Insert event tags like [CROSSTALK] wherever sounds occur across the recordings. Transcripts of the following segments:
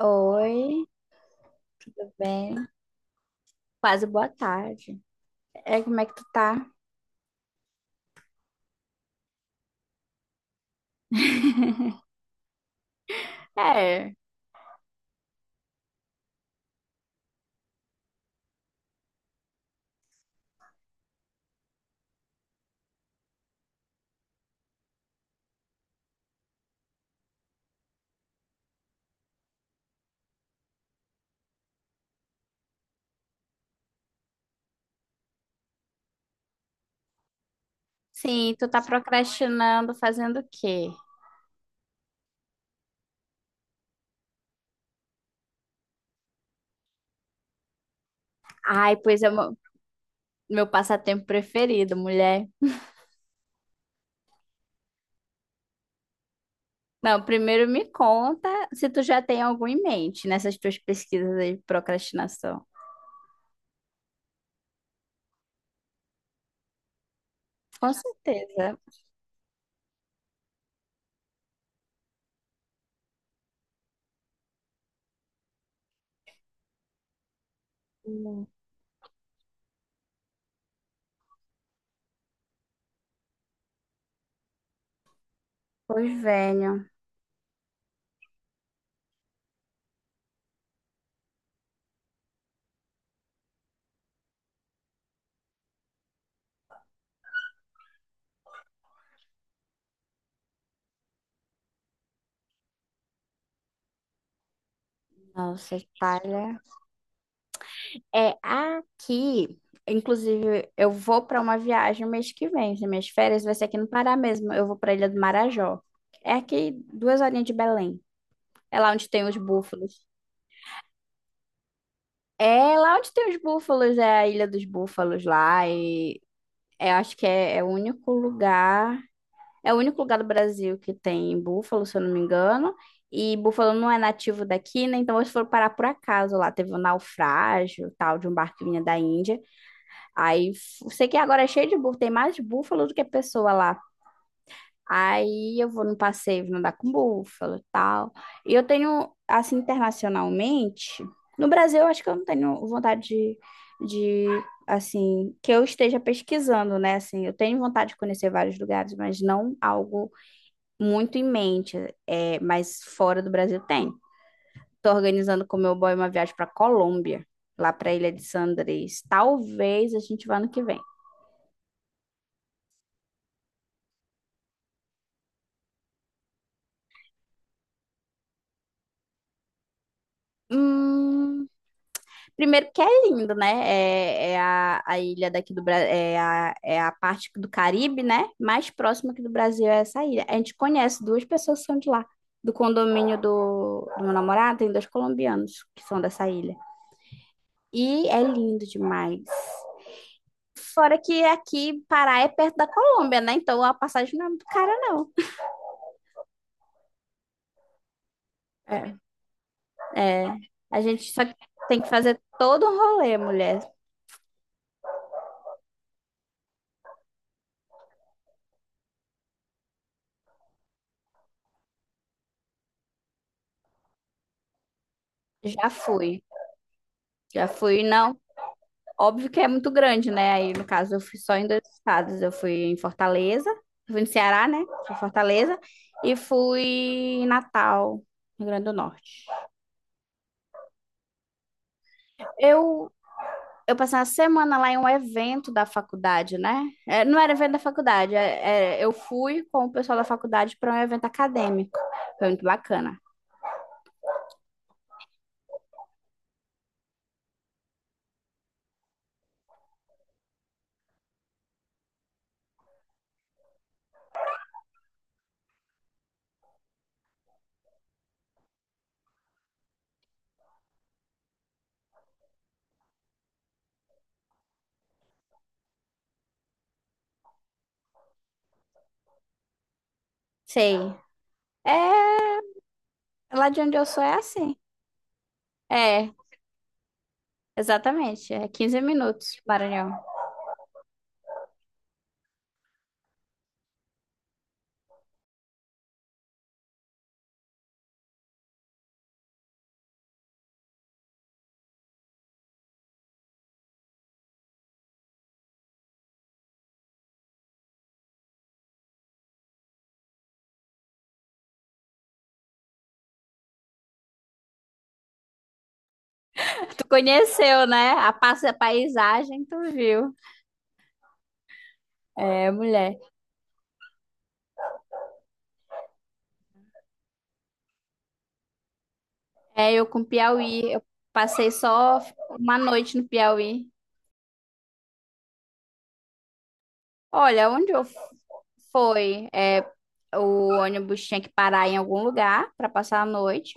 Oi, tudo bem? Quase boa tarde. Como é que tu tá? [LAUGHS] É, sim, tu tá procrastinando fazendo o quê? Ai, pois é o meu passatempo preferido, mulher. Não, primeiro me conta se tu já tem algum em mente nessas tuas pesquisas aí de procrastinação. Com certeza. Hum, Pois venho. Nossa, Itália. É, aqui, inclusive, eu vou para uma viagem no mês que vem. As minhas férias vai ser aqui no Pará mesmo. Eu vou para a Ilha do Marajó. É aqui duas horinhas de Belém. É lá onde tem os búfalos. É lá onde tem os búfalos, é a Ilha dos Búfalos lá. E eu acho que é o único lugar, é o único lugar do Brasil que tem búfalo, se eu não me engano. E búfalo não é nativo daqui, né? Então eles foram parar por acaso lá. Teve um naufrágio, tal, de um barco que vinha da Índia. Aí, sei que agora é cheio de búfalo, tem mais búfalo do que pessoa lá. Aí eu vou no passeio, vou andar com búfalo e tal. E eu tenho, assim, internacionalmente, no Brasil eu acho que eu não tenho vontade de, assim, que eu esteja pesquisando, né? Assim, eu tenho vontade de conhecer vários lugares, mas não algo muito em mente, é, mas fora do Brasil tem. Tô organizando com meu boy uma viagem para Colômbia, lá para a Ilha de San Andrés. Talvez a gente vá no que vem. Hum, primeiro que é lindo, né? É a ilha daqui do Brasil, é a parte do Caribe, né? Mais próxima aqui do Brasil é essa ilha. A gente conhece duas pessoas que são de lá. Do condomínio do meu namorado, tem dois colombianos que são dessa ilha. E é lindo demais. Fora que aqui Pará é perto da Colômbia, né? Então a passagem não é muito cara, não. É. É. A gente só tem que fazer todo um rolê, mulher. Já fui. Já fui, não. Óbvio que é muito grande, né? Aí, no caso, eu fui só em dois estados. Eu fui em Fortaleza, eu fui no Ceará, né? Fui em Fortaleza e fui em Natal, Rio Grande do Norte. Eu, eu passei uma semana lá em um evento da faculdade, né? É, não era evento da faculdade, eu fui com o pessoal da faculdade para um evento acadêmico. Foi muito bacana. Sei. É, lá de onde eu sou é assim. É, exatamente. É 15 minutos, Maranhão. Tu conheceu, né? A passa a paisagem, tu viu. É, mulher. É, eu com Piauí. Eu passei só uma noite no Piauí. Olha, onde eu fui, é, o ônibus tinha que parar em algum lugar para passar a noite.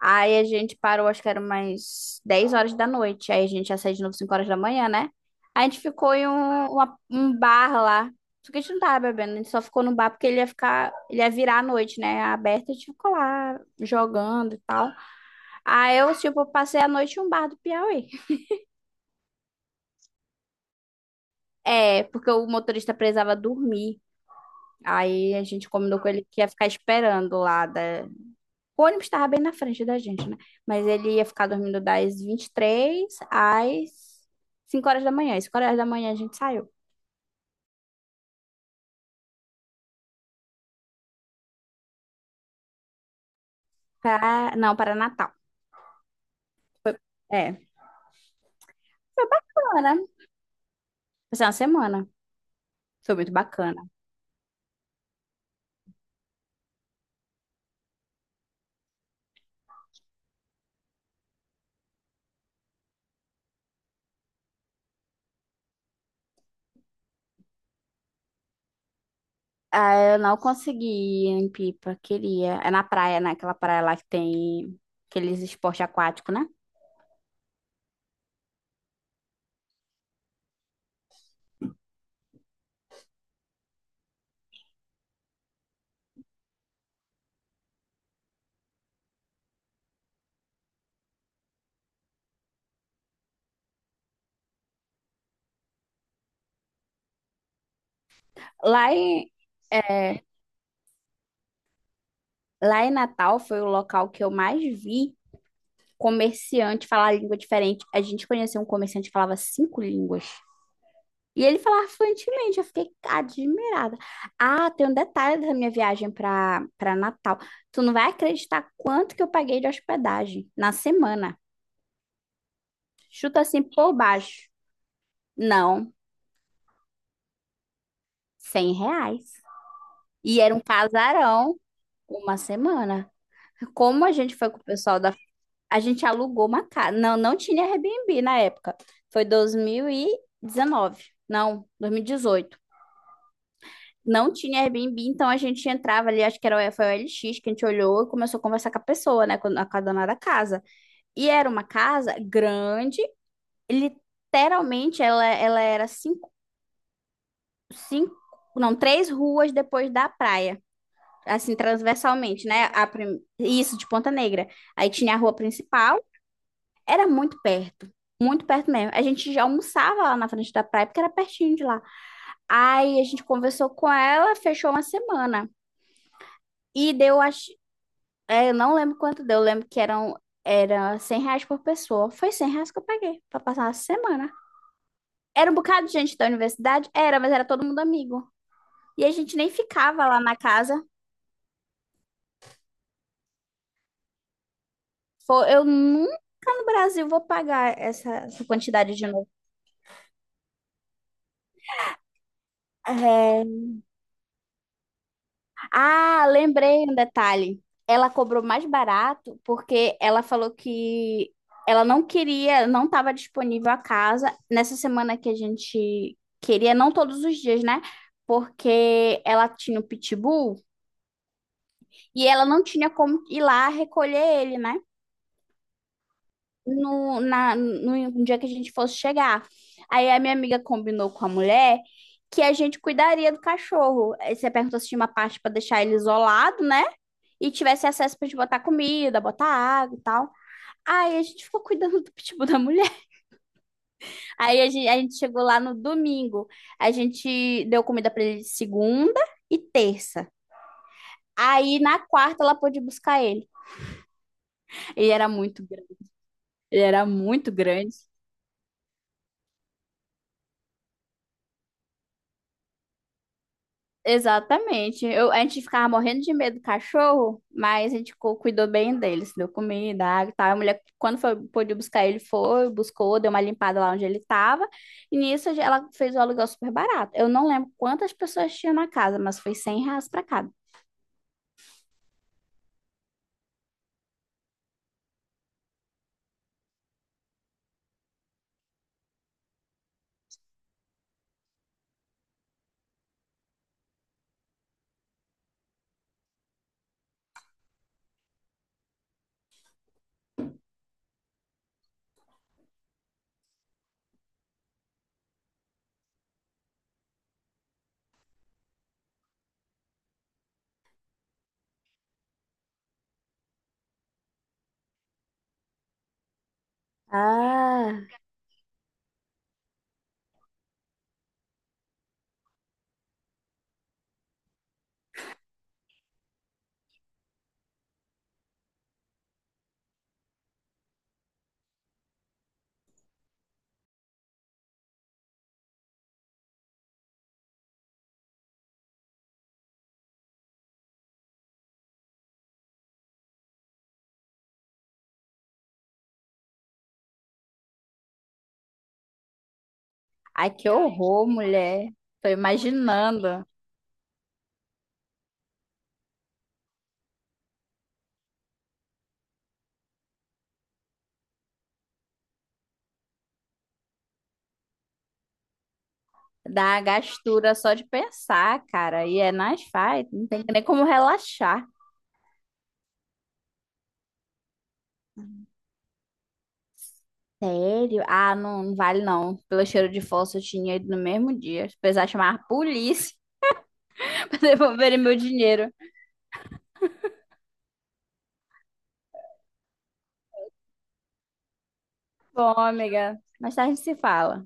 Aí a gente parou, acho que era umas 10 horas da noite. Aí a gente ia sair de novo 5 horas da manhã, né? Aí a gente ficou em um bar lá. Só que a gente não tava bebendo, a gente só ficou no bar porque ele ia ficar, ele ia virar a noite, né? Aberto, a gente ficou lá jogando e tal. Aí eu, tipo, passei a noite em um bar do Piauí. É, porque o motorista precisava dormir. Aí a gente combinou com ele que ia ficar esperando lá da. O ônibus estava bem na frente da gente, né? Mas ele ia ficar dormindo das 23 às 5 horas da manhã. Às 5 horas da manhã a gente saiu. Pra... Não, para Natal. Foi- É, foi bacana. Foi uma semana. Foi muito bacana. Ah, eu não consegui ir em Pipa, queria. É na praia, né? Aquela praia lá que tem aqueles esporte aquático, né? Lá em, é, lá em Natal foi o local que eu mais vi comerciante falar língua diferente. A gente conheceu um comerciante que falava cinco línguas. E ele falava fluentemente, eu fiquei admirada. Ah, tem um detalhe da minha viagem para Natal. Tu não vai acreditar quanto que eu paguei de hospedagem na semana. Chuta assim por baixo. Não, 100 reais. E era um casarão, uma semana. Como a gente foi com o pessoal da... A gente alugou uma casa. Não, não tinha Airbnb na época. Foi 2019. Não, 2018. Não tinha Airbnb, então a gente entrava ali, acho que era, foi o LX que a gente olhou e começou a conversar com a pessoa, né, com a dona da casa. E era uma casa grande, literalmente ela, ela era cinco, não, três ruas depois da praia, assim, transversalmente, né, isso, de Ponta Negra. Aí tinha a rua principal, era muito perto. Muito perto mesmo. A gente já almoçava lá na frente da praia, porque era pertinho de lá. Aí a gente conversou com ela, fechou uma semana. E deu, acho eu não lembro quanto deu. Eu lembro que era R$ 100 por pessoa. Foi R$ 100 que eu paguei pra passar a semana. Era um bocado de gente da universidade? Era, mas era todo mundo amigo. E a gente nem ficava lá na casa. Foi, eu nunca no Brasil vou pagar essa quantidade de novo. É, Ah, lembrei um detalhe. Ela cobrou mais barato porque ela falou que ela não queria, não estava disponível a casa nessa semana que a gente queria, não todos os dias, né? Porque ela tinha o pitbull e ela não tinha como ir lá recolher ele, né? No dia que a gente fosse chegar. Aí a minha amiga combinou com a mulher que a gente cuidaria do cachorro. Aí você perguntou se tinha uma parte para deixar ele isolado, né? E tivesse acesso pra gente botar comida, botar água e tal. Aí a gente ficou cuidando do pitbull da mulher. [LAUGHS] Aí a gente chegou lá no domingo. A gente deu comida pra ele segunda e terça. Aí na quarta ela pôde buscar ele. Ele era muito grande. Ele era muito grande. Exatamente. A gente ficava morrendo de medo do cachorro, mas a gente cuidou bem deles deu comida, água e tal. A mulher, quando foi, pôde buscar ele, foi, buscou, deu uma limpada lá onde ele estava. E nisso ela fez o aluguel super barato. Eu não lembro quantas pessoas tinham na casa, mas foi R$ 100 pra cada. Ah, ai, que horror, mulher. Tô imaginando. Dá gastura só de pensar, cara. E é nas faz, não tem nem como relaxar. Sério? Ah, não, não vale não. Pelo cheiro de fósforo, eu tinha ido no mesmo dia. Se precisar chamar a polícia [LAUGHS] para devolverem meu dinheiro. Bom, amiga, mais tarde a gente se fala.